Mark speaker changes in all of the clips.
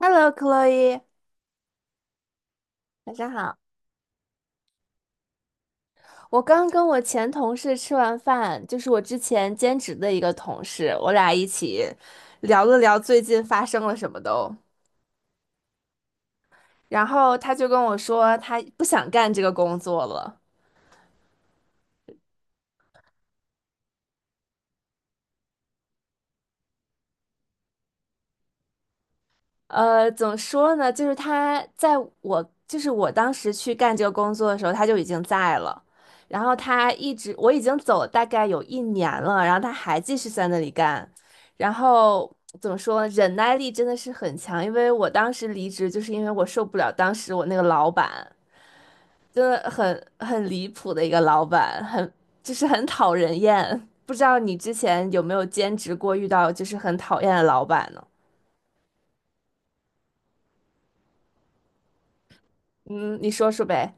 Speaker 1: Hello, Chloe，晚上好。我刚跟我前同事吃完饭，就是我之前兼职的一个同事，我俩一起聊了聊最近发生了什么都。然后他就跟我说，他不想干这个工作了。怎么说呢？就是他在我，就是我当时去干这个工作的时候，他就已经在了。然后他一直，我已经走大概有一年了，然后他还继续在那里干。然后怎么说呢？忍耐力真的是很强，因为我当时离职，就是因为我受不了当时我那个老板，真的很离谱的一个老板，就是很讨人厌。不知道你之前有没有兼职过，遇到就是很讨厌的老板呢？嗯，你说说呗。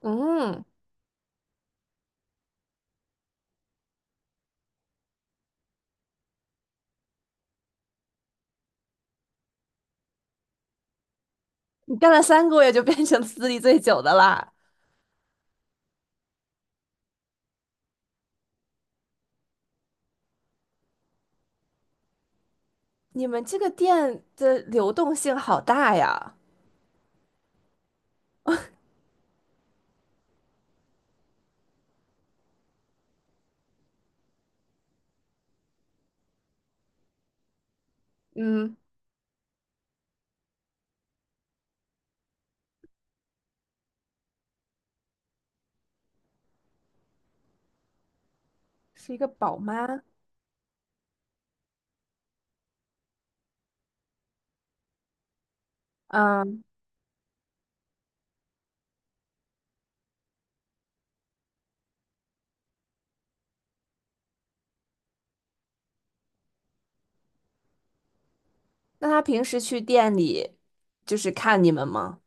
Speaker 1: 嗯。你干了3个月就变成资历最久的啦。你们这个店的流动性好大呀。嗯，是一个宝妈。嗯，那她平时去店里就是看你们吗？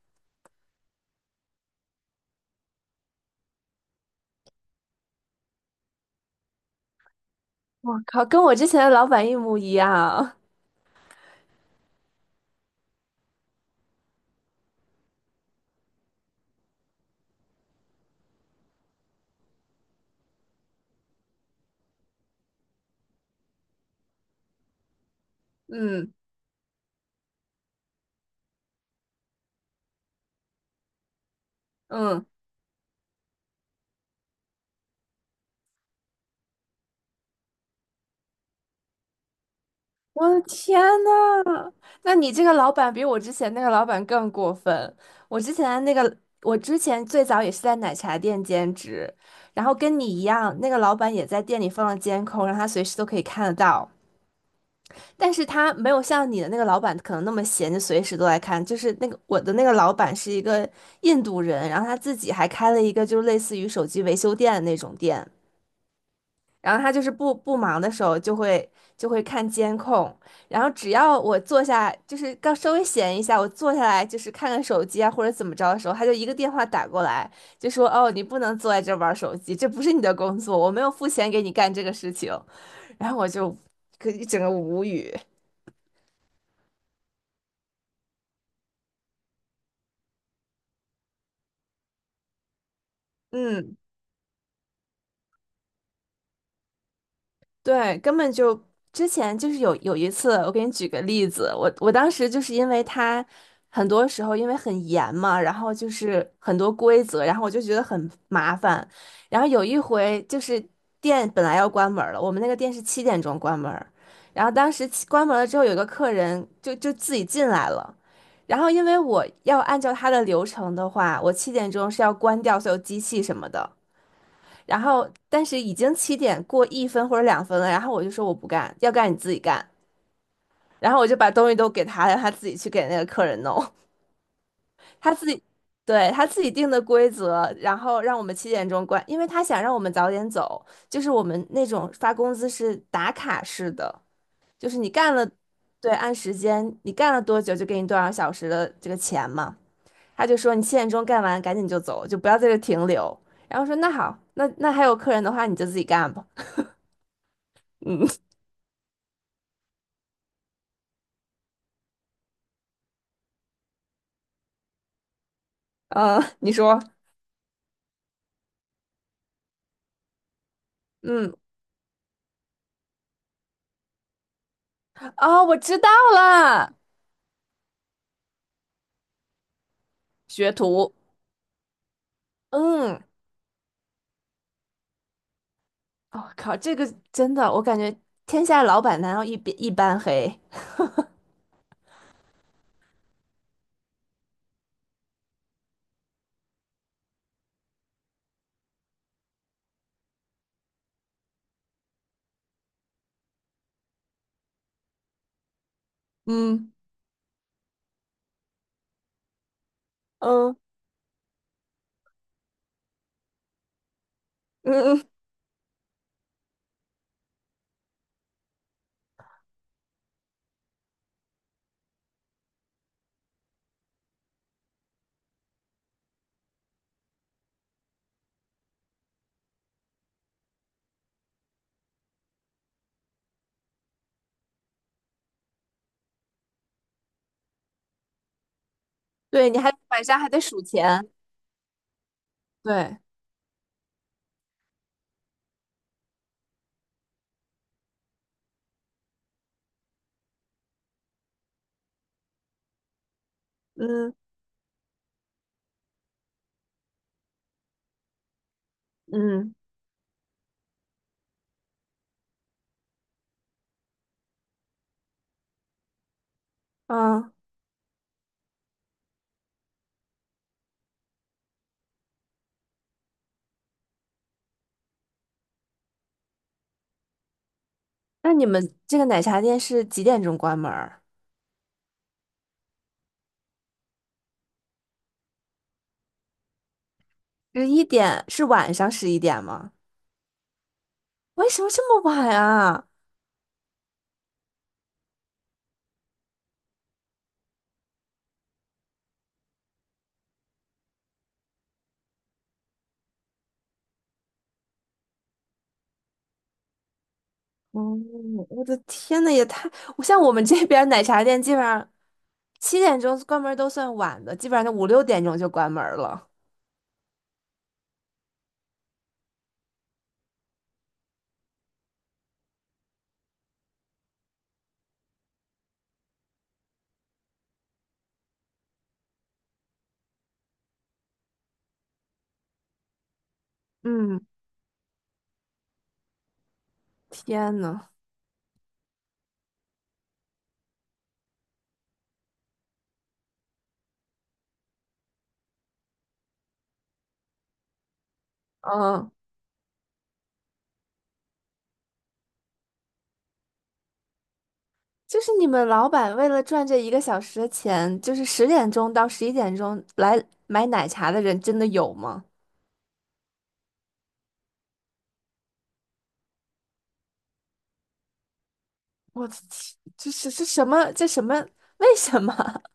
Speaker 1: 我靠，跟我之前的老板一模一样。嗯嗯，我的天呐，那你这个老板比我之前那个老板更过分。我之前那个，我之前最早也是在奶茶店兼职，然后跟你一样，那个老板也在店里放了监控，让他随时都可以看得到。但是他没有像你的那个老板可能那么闲，就随时都来看。就是那个我的那个老板是一个印度人，然后他自己还开了一个就是类似于手机维修店的那种店。然后他就是不忙的时候就会看监控，然后只要我坐下，就是刚稍微闲一下，我坐下来就是看看手机啊或者怎么着的时候，他就一个电话打过来，就说哦你不能坐在这儿玩手机，这不是你的工作，我没有付钱给你干这个事情。然后我就可一整个无语，嗯。对，根本就之前就是有一次，我给你举个例子，我当时就是因为他很多时候因为很严嘛，然后就是很多规则，然后我就觉得很麻烦。然后有一回就是店本来要关门了，我们那个店是七点钟关门儿，然后当时关门了之后，有个客人就自己进来了，然后因为我要按照他的流程的话，我七点钟是要关掉所有机器什么的。然后但是已经7点过1分或者2分了，然后我就说我不干，要干你自己干。然后我就把东西都给他，让他自己去给那个客人弄，他自己，对，他自己定的规则，然后让我们七点钟关，因为他想让我们早点走，就是我们那种发工资是打卡式的，就是你干了，对，按时间，你干了多久就给你多少小时的这个钱嘛。他就说你七点钟干完赶紧就走，就不要在这停留。然后说那好，那还有客人的话你就自己干吧。嗯。嗯，你说，嗯，啊，我知道了，学徒，嗯，我、靠，这个真的，我感觉天下老板难道一般黑？嗯嗯嗯嗯，对，你还晚上还得数钱，对，嗯嗯嗯，那你们这个奶茶店是几点钟关门儿？十一点，是晚上十一点吗？为什么这么晚啊？哦，我的天呐，也太……像我们这边儿奶茶店，基本上七点钟关门儿都算晚的，基本上就5、6点钟就关门儿了。嗯，天呐，嗯，就是你们老板为了赚这一个小时的钱，就是10点钟到11点钟来买奶茶的人真的有吗？我的天，这是这什么？这什么？为什么？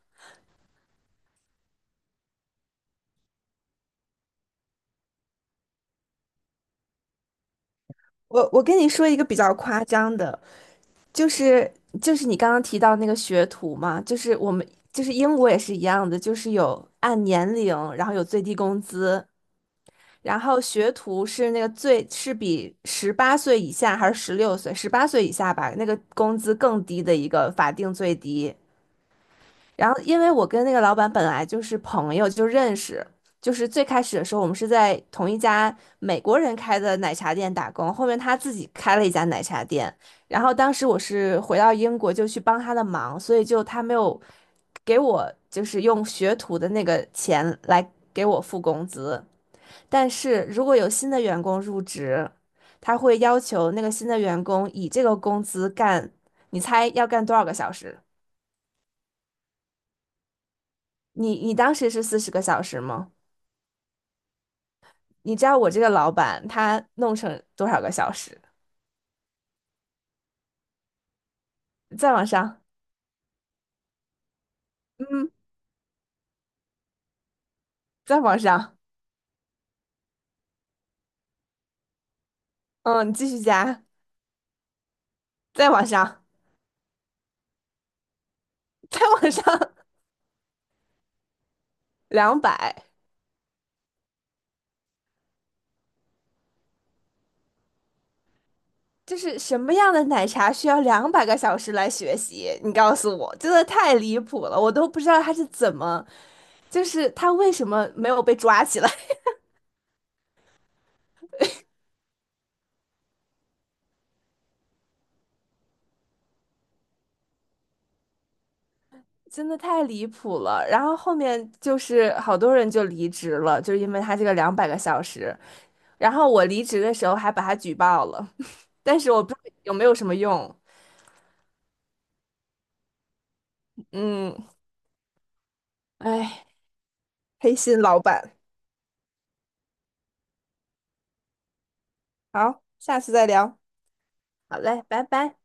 Speaker 1: 我跟你说一个比较夸张的，就是就是你刚刚提到那个学徒嘛，就是我们就是英国也是一样的，就是有按年龄，然后有最低工资，然后学徒是那个最是比十八岁以下还是16岁，十八岁以下吧，那个工资更低的一个法定最低。然后，因为我跟那个老板本来就是朋友，就认识，就是最开始的时候，我们是在同一家美国人开的奶茶店打工，后面他自己开了一家奶茶店，然后当时我是回到英国就去帮他的忙，所以就他没有给我就是用学徒的那个钱来给我付工资，但是如果有新的员工入职，他会要求那个新的员工以这个工资干，你猜要干多少个小时？你当时是40个小时吗？你知道我这个老板他弄成多少个小时？再往上，嗯，再往上，嗯，你继续加，再往上，再往上，两百，就是什么样的奶茶需要两百个小时来学习？你告诉我，真的太离谱了，我都不知道他是怎么，就是他为什么没有被抓起来，真的太离谱了。然后后面就是好多人就离职了，就是因为他这个两百个小时。然后我离职的时候还把他举报了。但是我不知道有没有什么用。嗯，哎，黑心老板。好，下次再聊。好嘞，拜拜。